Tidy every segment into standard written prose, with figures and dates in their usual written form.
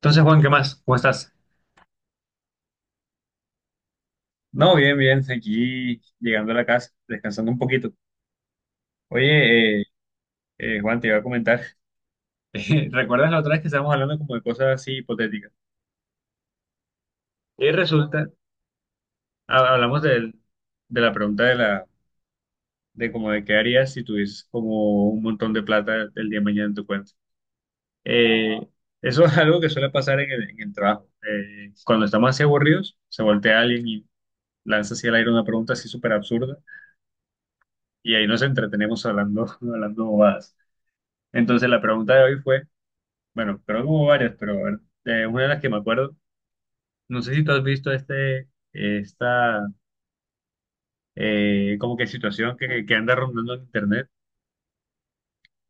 Entonces, Juan, ¿qué más? ¿Cómo estás? No, bien, bien, aquí llegando a la casa, descansando un poquito. Oye, Juan, te iba a comentar, ¿recuerdas la otra vez que estábamos hablando como de cosas así hipotéticas? Y resulta, hablamos de la pregunta de como de qué harías si tuvieses como un montón de plata el día de mañana en tu cuenta. Eh, eso es algo que suele pasar en el trabajo. Cuando estamos así aburridos, se voltea alguien y lanza hacia el aire una pregunta así súper absurda y ahí nos entretenemos hablando, hablando bobadas. Entonces la pregunta de hoy fue, bueno, creo que hubo varias, pero a ver, una de las que me acuerdo, no sé si tú has visto esta, como que situación que anda rondando en internet,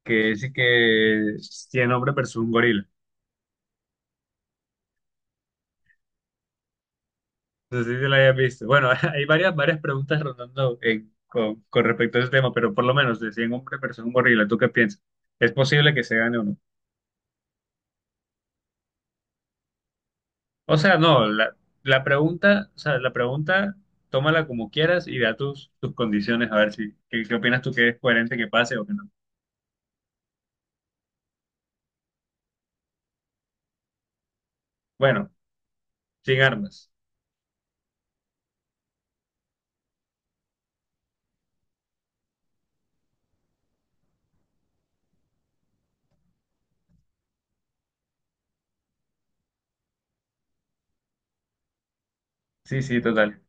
que es que 100 hombres versus un gorila. No sé si te la hayas visto. Bueno, hay varias, varias preguntas rondando con respecto a ese tema, pero por lo menos de 100 hombres versus un gorila, ¿tú qué piensas? ¿Es posible que se gane o no? O sea, no, la pregunta, o sea, la pregunta, tómala como quieras y da tus, tus condiciones, a ver si, qué opinas tú que es coherente que pase o que no. Bueno, sin armas. Sí, sí, total.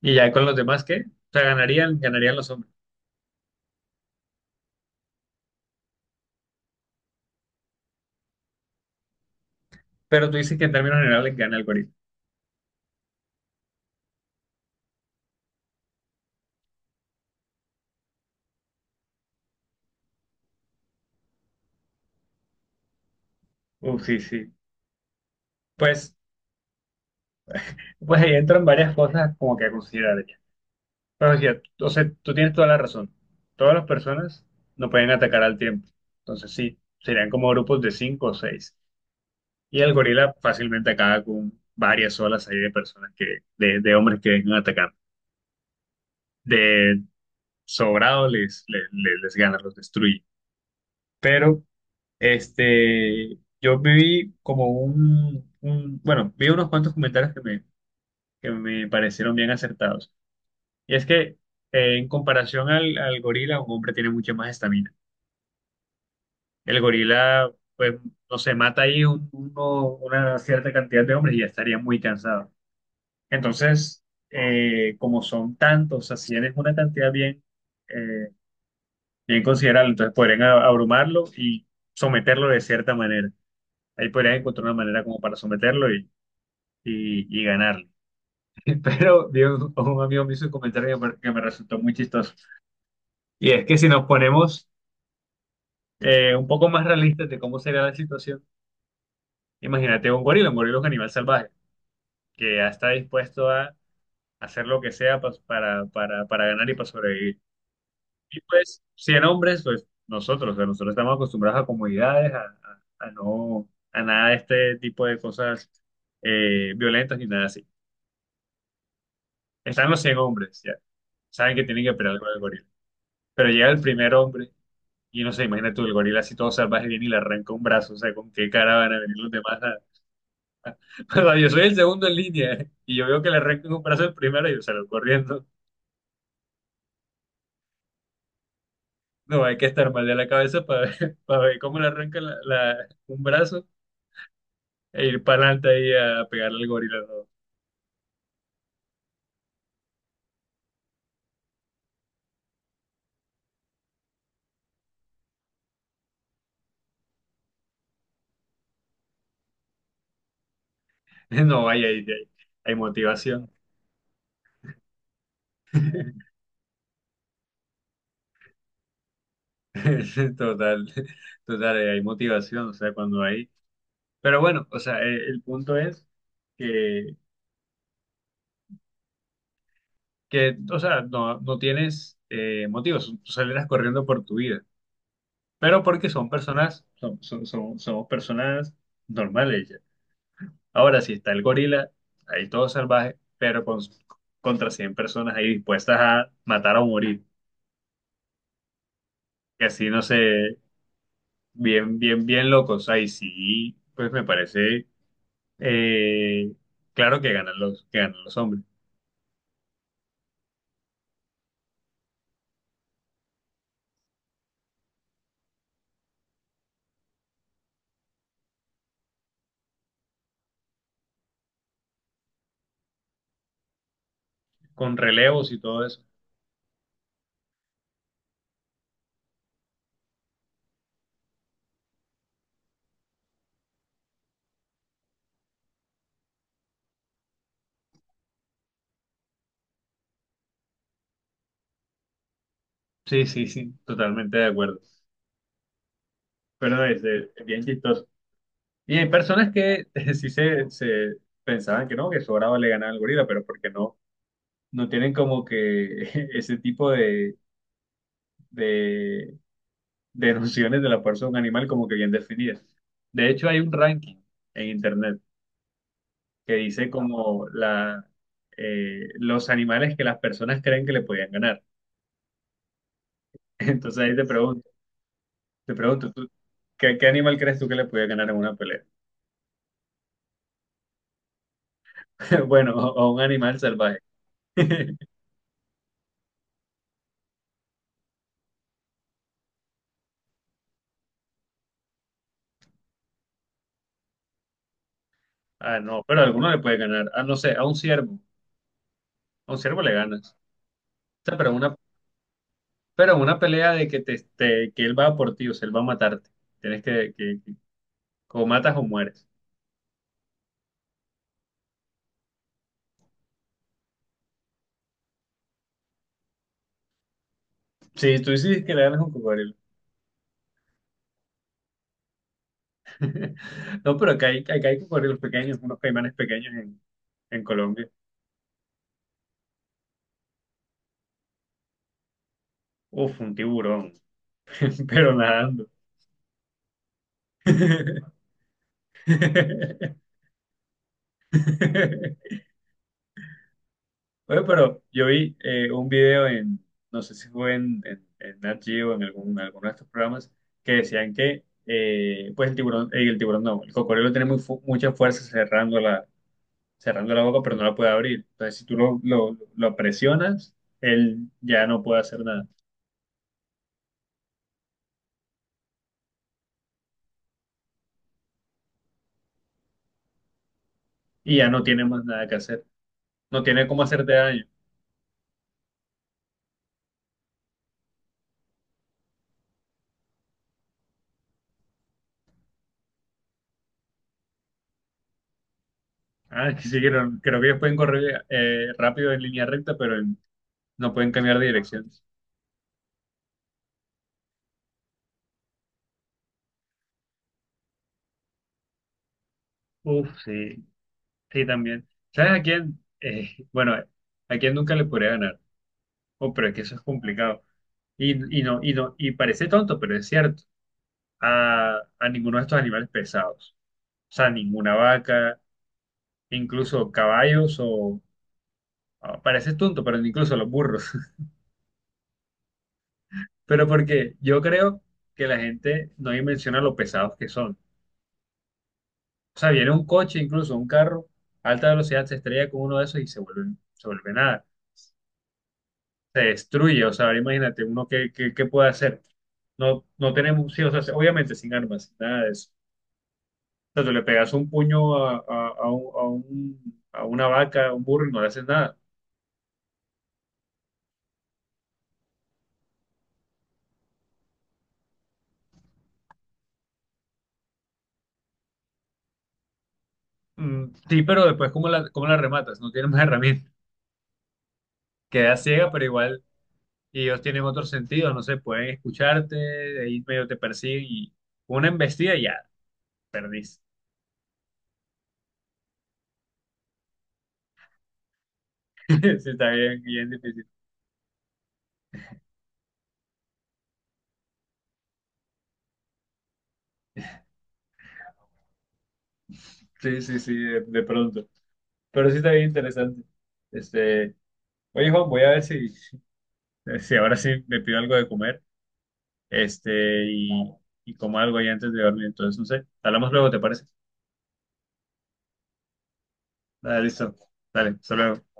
Y ya con los demás, ¿qué? O sea, ganarían los hombres. Pero tú dices que en términos generales gana el gorila. Uf, sí, sí. Pues, pues ahí entran varias cosas como que a considerar ya. Pero sí, o sea, tú tienes toda la razón. Todas las personas no pueden atacar al tiempo. Entonces sí, serían como grupos de cinco o seis. Y el gorila fácilmente acaba con varias olas ahí de personas de hombres que vengan a atacar. De sobrado les gana, los destruye. Pero, este, yo viví como un- bueno, vi unos cuantos comentarios que me parecieron bien acertados. Y es que, en comparación al gorila, un hombre tiene mucha más estamina. El gorila, pues, no se mata ahí una cierta cantidad de hombres y ya estaría muy cansado. Entonces, como son tantos, así es una cantidad bien, eh, bien considerable, entonces podrían abrumarlo y someterlo de cierta manera. Ahí podrían encontrar una manera como para someterlo y ganarlo. Pero vi un amigo me hizo un comentario que me resultó muy chistoso. Y es que si nos ponemos un poco más realistas de cómo sería la situación, imagínate un gorila es un animal salvaje que ya está dispuesto a hacer lo que sea para ganar y para sobrevivir. Y pues, 100 hombres, pues nosotros, o sea, nosotros estamos acostumbrados a comodidades, a no, a nada de este tipo de cosas violentas ni nada así. Están los 100 hombres, ya, saben que tienen que pelear con el gorila. Pero llega el primer hombre y no sé, imagina tú, el gorila así todo salvaje viene y le arranca un brazo, o sea, ¿con qué cara van a venir los demás? A- O sea, yo soy el segundo en línea y yo veo que le arrancan un brazo el primero y yo salgo corriendo. No, no, hay que estar mal de la cabeza para ver, para ver cómo le arranca un brazo e ir para adelante ahí a pegarle al gorila. No, no vaya ahí. Hay motivación. Total, total, hay motivación, o sea, cuando hay. Pero bueno, o sea, el punto es que, que o sea, no, no tienes motivos, tú saldrás corriendo por tu vida, pero porque son personas, son- somos personas normales ya. Ahora, si está el gorila, ahí todo salvaje, pero contra 100 personas ahí dispuestas a matar o morir, que así no sé, bien, bien, bien locos. Ahí sí, pues me parece eh, claro que ganan que ganan los hombres, con relevos y todo eso. Sí, sí, sí, totalmente de acuerdo. Pero no, es, bien chistoso. Y hay personas que sí se pensaban que no, que sobraba le ganaba al gorila, pero porque no, no tienen como que ese tipo de, de nociones de la fuerza de un animal como que bien definidas. De hecho, hay un ranking en internet que dice como los animales que las personas creen que le podían ganar. Entonces ahí te pregunto, ¿tú, qué animal crees tú que le podía ganar en una pelea? Bueno, a un animal salvaje. Ah, no, pero a alguno le puede ganar. Ah, no sé, a un ciervo. A un ciervo le ganas. O sea, pero una pelea de que, que él va por ti, o sea, él va a matarte. Tienes que- o matas o mueres. Sí, tú dices que le ganas a un cocodrilo. No, pero acá hay cocodrilos pequeños, unos caimanes pequeños en Colombia. Uf, un tiburón, pero nadando. Oye, pero yo vi un video en, no sé si fue en Nat Geo, en algún, en alguno de estos programas, que decían que pues el tiburón no, el cocodrilo tiene muy mucha fuerza cerrando la boca, pero no la puede abrir. Entonces, si tú lo presionas, él ya no puede hacer nada y ya no tiene más nada que hacer. No tiene cómo hacerte daño. Ah, es sí, creo, creo que ellos pueden correr rápido en línea recta, pero en- no pueden cambiar de direcciones. Uf, sí, sí, también. ¿Sabes a quién? Bueno, a quién nunca le podría ganar. Oh, pero es que eso es complicado. Y no, y no, y parece tonto, pero es cierto. A ninguno de estos animales pesados. O sea, ninguna vaca, incluso caballos o... ah, parece tonto, pero incluso los burros. Pero porque yo creo que la gente no dimensiona lo pesados que son. O sea, viene un coche, incluso un carro, a alta velocidad, se estrella con uno de esos se vuelve nada. Se destruye. O sea, ahora imagínate uno qué, qué puede hacer. No, no tenemos, sí, o sea, obviamente sin armas, nada de eso. O sea, tú le pegas un puño a un, a una vaca, a un burro y no le haces nada. Mm, sí, pero después, ¿cómo cómo la rematas? No tienes más herramientas. Queda ciega, pero igual y ellos tienen otros sentidos, no sé, pueden escucharte, de ahí medio te persiguen y una embestida y ya, perdiste. Sí, está bien, bien difícil. Sí, sí, sí, de pronto. Pero sí está bien interesante. Este, oye, Juan, voy a ver si, si ahora sí me pido algo de comer, este, y como algo ahí antes de dormir. Entonces, no sé, hablamos luego, ¿te parece? Dale, listo. Dale, hasta luego.